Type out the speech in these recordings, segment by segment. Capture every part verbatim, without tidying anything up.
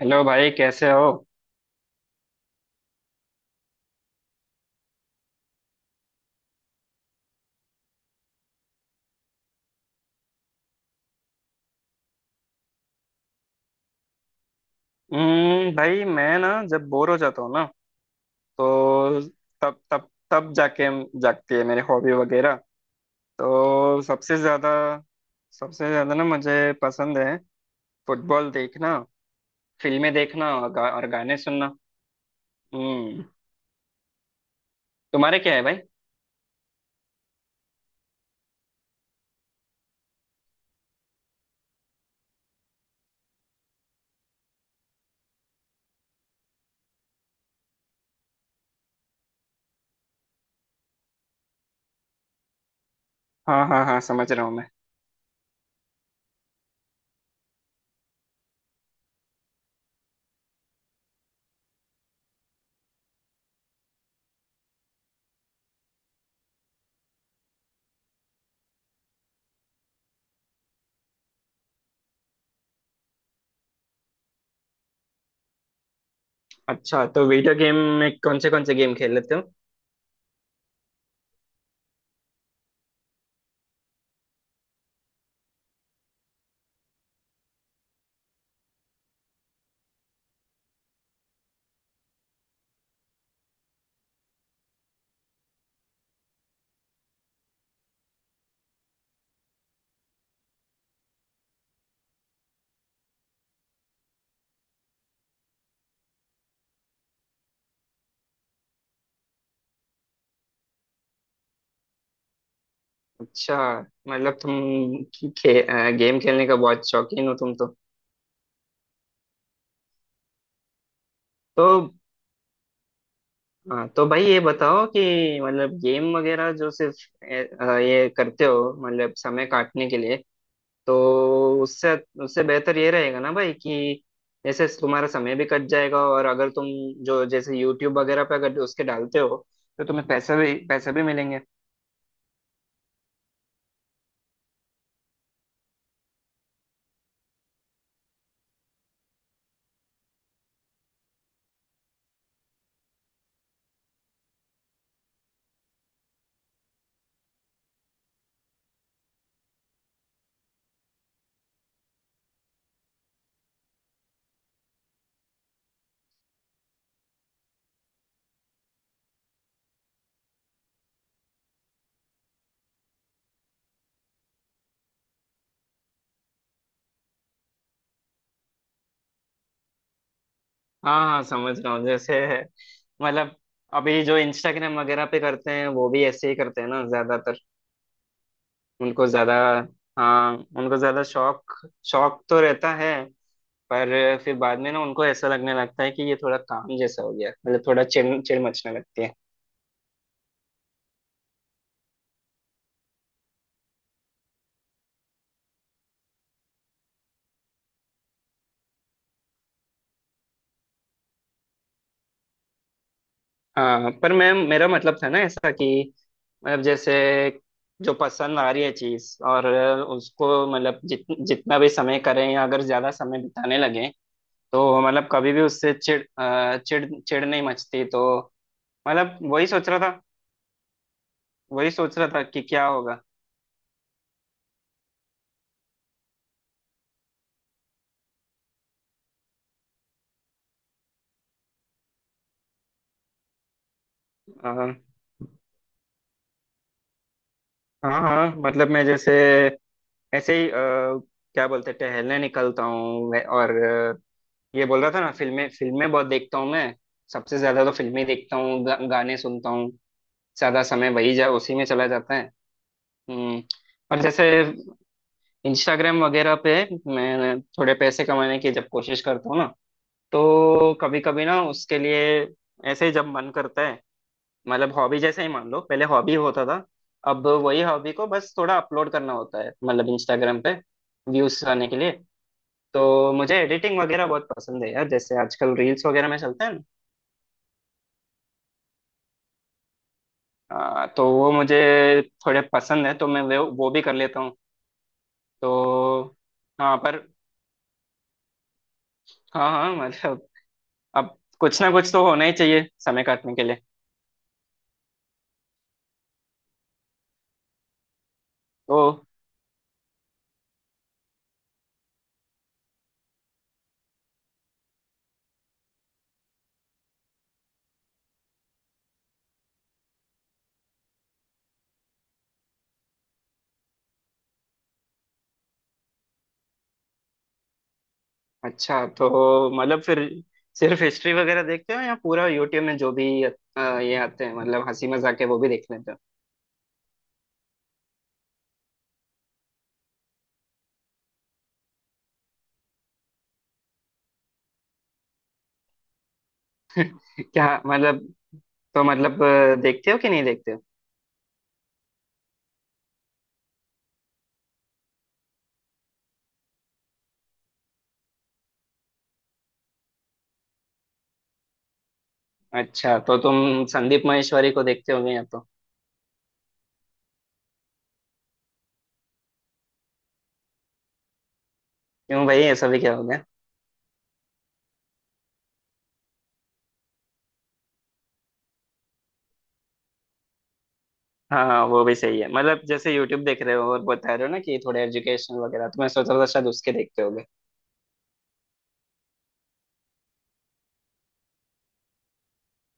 Hello भाई, कैसे हो? हम्म। भाई मैं ना जब बोर हो जाता हूँ ना तो तब तब तब जाके जागती है मेरी हॉबी वगैरह। तो सबसे ज्यादा सबसे ज्यादा ना मुझे पसंद है फुटबॉल देखना, फिल्में देखना और, गा, और गाने सुनना। हम्म। तुम्हारे क्या है भाई? हाँ हाँ हाँ, समझ रहा हूँ मैं। अच्छा, तो वीडियो गेम में कौन से कौन से गेम खेल लेते हो? अच्छा, मतलब तुम खे, अ, गेम खेलने का बहुत शौकीन हो तुम तो। तो हाँ, तो भाई ये बताओ कि मतलब गेम वगैरह जो सिर्फ ए- अ, ये करते हो मतलब समय काटने के लिए। तो उससे उससे बेहतर ये रहेगा ना भाई कि जैसे तुम्हारा समय भी कट जाएगा, और अगर तुम जो जैसे यूट्यूब वगैरह पे अगर उसके डालते हो तो तुम्हें पैसे भी पैसे भी मिलेंगे। हाँ हाँ, समझ रहा हूँ। जैसे मतलब अभी जो इंस्टाग्राम वगैरह पे करते हैं वो भी ऐसे ही करते हैं ना ज्यादातर। उनको ज्यादा, हाँ, उनको ज्यादा शौक, शौक तो रहता है, पर फिर बाद में ना उनको ऐसा लगने लगता है कि ये थोड़ा काम जैसा हो गया, मतलब थोड़ा चिड़ चिड़ मचने लगती है। हाँ, पर मैं मेरा मतलब था ना ऐसा कि मतलब जैसे जो पसंद आ रही है चीज, और उसको मतलब जित, जितना भी समय करें या अगर ज्यादा समय बिताने लगे तो मतलब कभी भी उससे चिड़ अ, चिड़ चिड़ नहीं मचती तो। मतलब वही सोच रहा था वही सोच रहा था कि क्या होगा। हाँ हाँ, मतलब मैं जैसे ऐसे ही अ, क्या बोलते हैं, टहलने निकलता हूँ मैं, और अ, ये बोल रहा था ना, फिल्में फिल्में बहुत देखता हूँ मैं। सबसे ज्यादा तो फिल्में देखता हूँ, गा, गाने सुनता हूँ। ज्यादा समय वही जा उसी में चला जाता है। हम्म। और जैसे इंस्टाग्राम वगैरह पे मैं थोड़े पैसे कमाने की जब कोशिश करता हूँ ना, तो कभी कभी ना उसके लिए, ऐसे ही जब मन करता है, मतलब हॉबी जैसे ही मान लो पहले हॉबी होता था, अब वही हॉबी को बस थोड़ा अपलोड करना होता है मतलब इंस्टाग्राम पे व्यूज आने के लिए। तो मुझे एडिटिंग वगैरह बहुत पसंद है यार, जैसे आजकल रील्स वगैरह में चलते हैं ना। आ, तो वो मुझे थोड़े पसंद है, तो मैं वो वो भी कर लेता हूँ। तो हाँ, पर हाँ हाँ मतलब अब कुछ ना कुछ तो होना ही चाहिए समय काटने के लिए। तो अच्छा, तो मतलब फिर सिर्फ हिस्ट्री वगैरह देखते हो या पूरा यूट्यूब में जो भी अ, ये आते हैं मतलब हंसी मजाक के, वो भी देख लेते हो? क्या मतलब? तो मतलब अ, देखते हो कि नहीं देखते हो? अच्छा, तो तुम संदीप महेश्वरी को देखते होगे या तो? क्यों भाई, ऐसा भी क्या हो गया? हाँ हाँ, वो भी सही है। मतलब जैसे यूट्यूब देख रहे हो और बता रहे हो ना कि थोड़े एजुकेशन वगैरह, तो मैं सोच रहा था शायद उसके देखते होगे।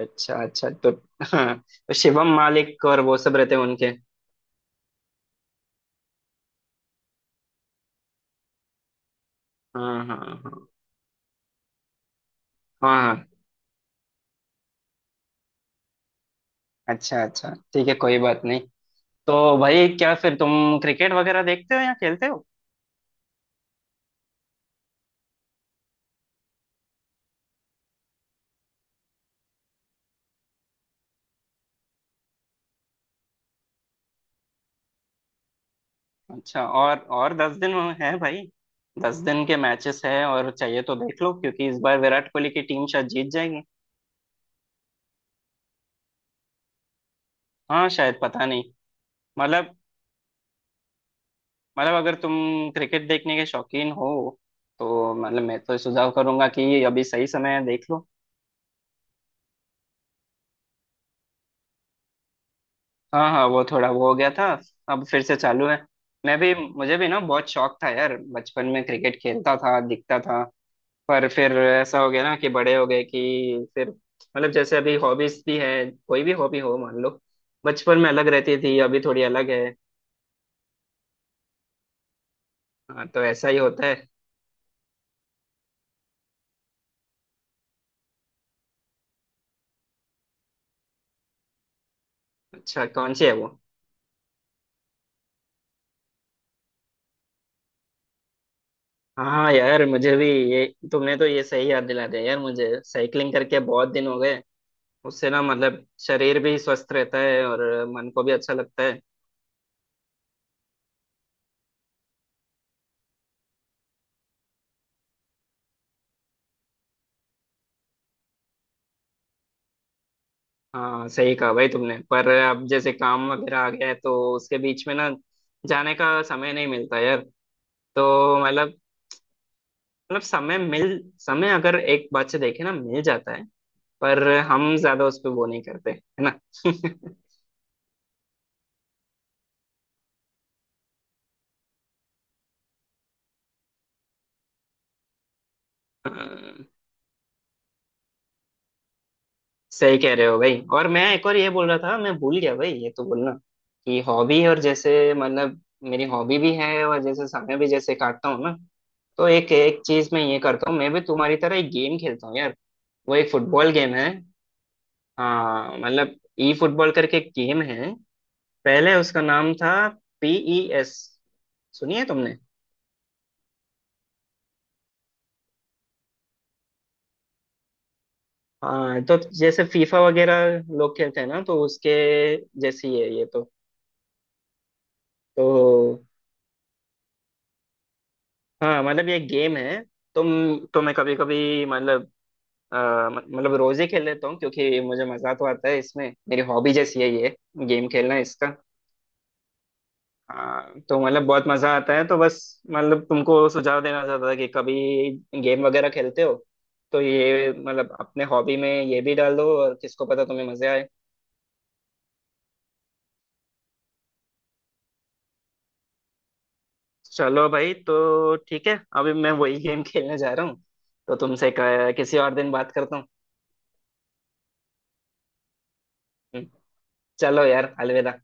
अच्छा अच्छा। तो हाँ, तो शिवम मालिक और वो सब रहते हैं उनके। हाँ हाँ हाँ, हाँ हाँ। अच्छा अच्छा, ठीक है, कोई बात नहीं। तो भाई क्या फिर तुम क्रिकेट वगैरह देखते हो या खेलते हो? अच्छा, और और दस दिन है भाई, दस दिन के मैचेस हैं, और चाहिए तो देख लो, क्योंकि इस बार विराट कोहली की टीम शायद जीत जाएगी। हाँ, शायद पता नहीं। मतलब, मतलब अगर तुम क्रिकेट देखने के शौकीन हो तो मतलब मैं तो सुझाव करूंगा कि अभी सही समय है, देख लो। हाँ हाँ, वो थोड़ा वो हो गया था, अब फिर से चालू है। मैं भी मुझे भी ना बहुत शौक था यार, बचपन में क्रिकेट खेलता था, दिखता था, पर फिर ऐसा हो गया ना कि बड़े हो गए, कि फिर मतलब जैसे अभी हॉबीज भी है, कोई भी हॉबी हो मान लो, बचपन में अलग रहती थी, अभी थोड़ी अलग है। हाँ, तो ऐसा ही होता है। अच्छा, कौन सी है वो? हाँ यार मुझे भी ये, तुमने तो ये सही याद दिला दिया यार, मुझे साइकिलिंग करके बहुत दिन हो गए। उससे ना मतलब शरीर भी स्वस्थ रहता है, और मन को भी अच्छा लगता है। हाँ, सही कहा भाई तुमने, पर अब जैसे काम वगैरह आ गया है तो उसके बीच में ना जाने का समय नहीं मिलता यार। तो मतलब, मतलब समय मिल समय अगर एक बात से देखे ना मिल जाता है, पर हम ज्यादा उस पे वो नहीं करते है ना। अ, सही कह रहे हो भाई। और मैं एक और ये बोल रहा था, मैं भूल गया भाई ये तो बोलना, कि हॉबी और जैसे मतलब मेरी हॉबी भी है और जैसे समय भी जैसे काटता हूँ ना, तो एक एक चीज मैं ये करता हूँ, मैं भी तुम्हारी तरह एक गेम खेलता हूँ यार। वो एक फुटबॉल गेम है। हाँ मतलब, ई फुटबॉल करके एक गेम है, पहले उसका नाम था पी ई एस, सुनिए तुमने? हाँ, तो जैसे फीफा वगैरह लोग खेलते हैं ना तो उसके जैसी है ये तो। तो हाँ मतलब ये गेम है। तो तो मैं कभी कभी मतलब अ, मतलब रोज ही खेल लेता हूँ, क्योंकि मुझे मजा तो आता है, इसमें मेरी हॉबी जैसी है ये, गेम खेलना इसका। हाँ तो मतलब बहुत मजा आता है, तो बस मतलब तुमको सुझाव देना चाहता था कि कभी गेम वगैरह खेलते हो तो ये मतलब अपने हॉबी में ये भी डाल दो, और किसको पता तुम्हें मजे आए। चलो भाई, तो ठीक है, अभी मैं वही गेम खेलने जा रहा हूँ, तो तुमसे क- किसी और दिन बात करता हूँ। हम्म। चलो यार, अलविदा।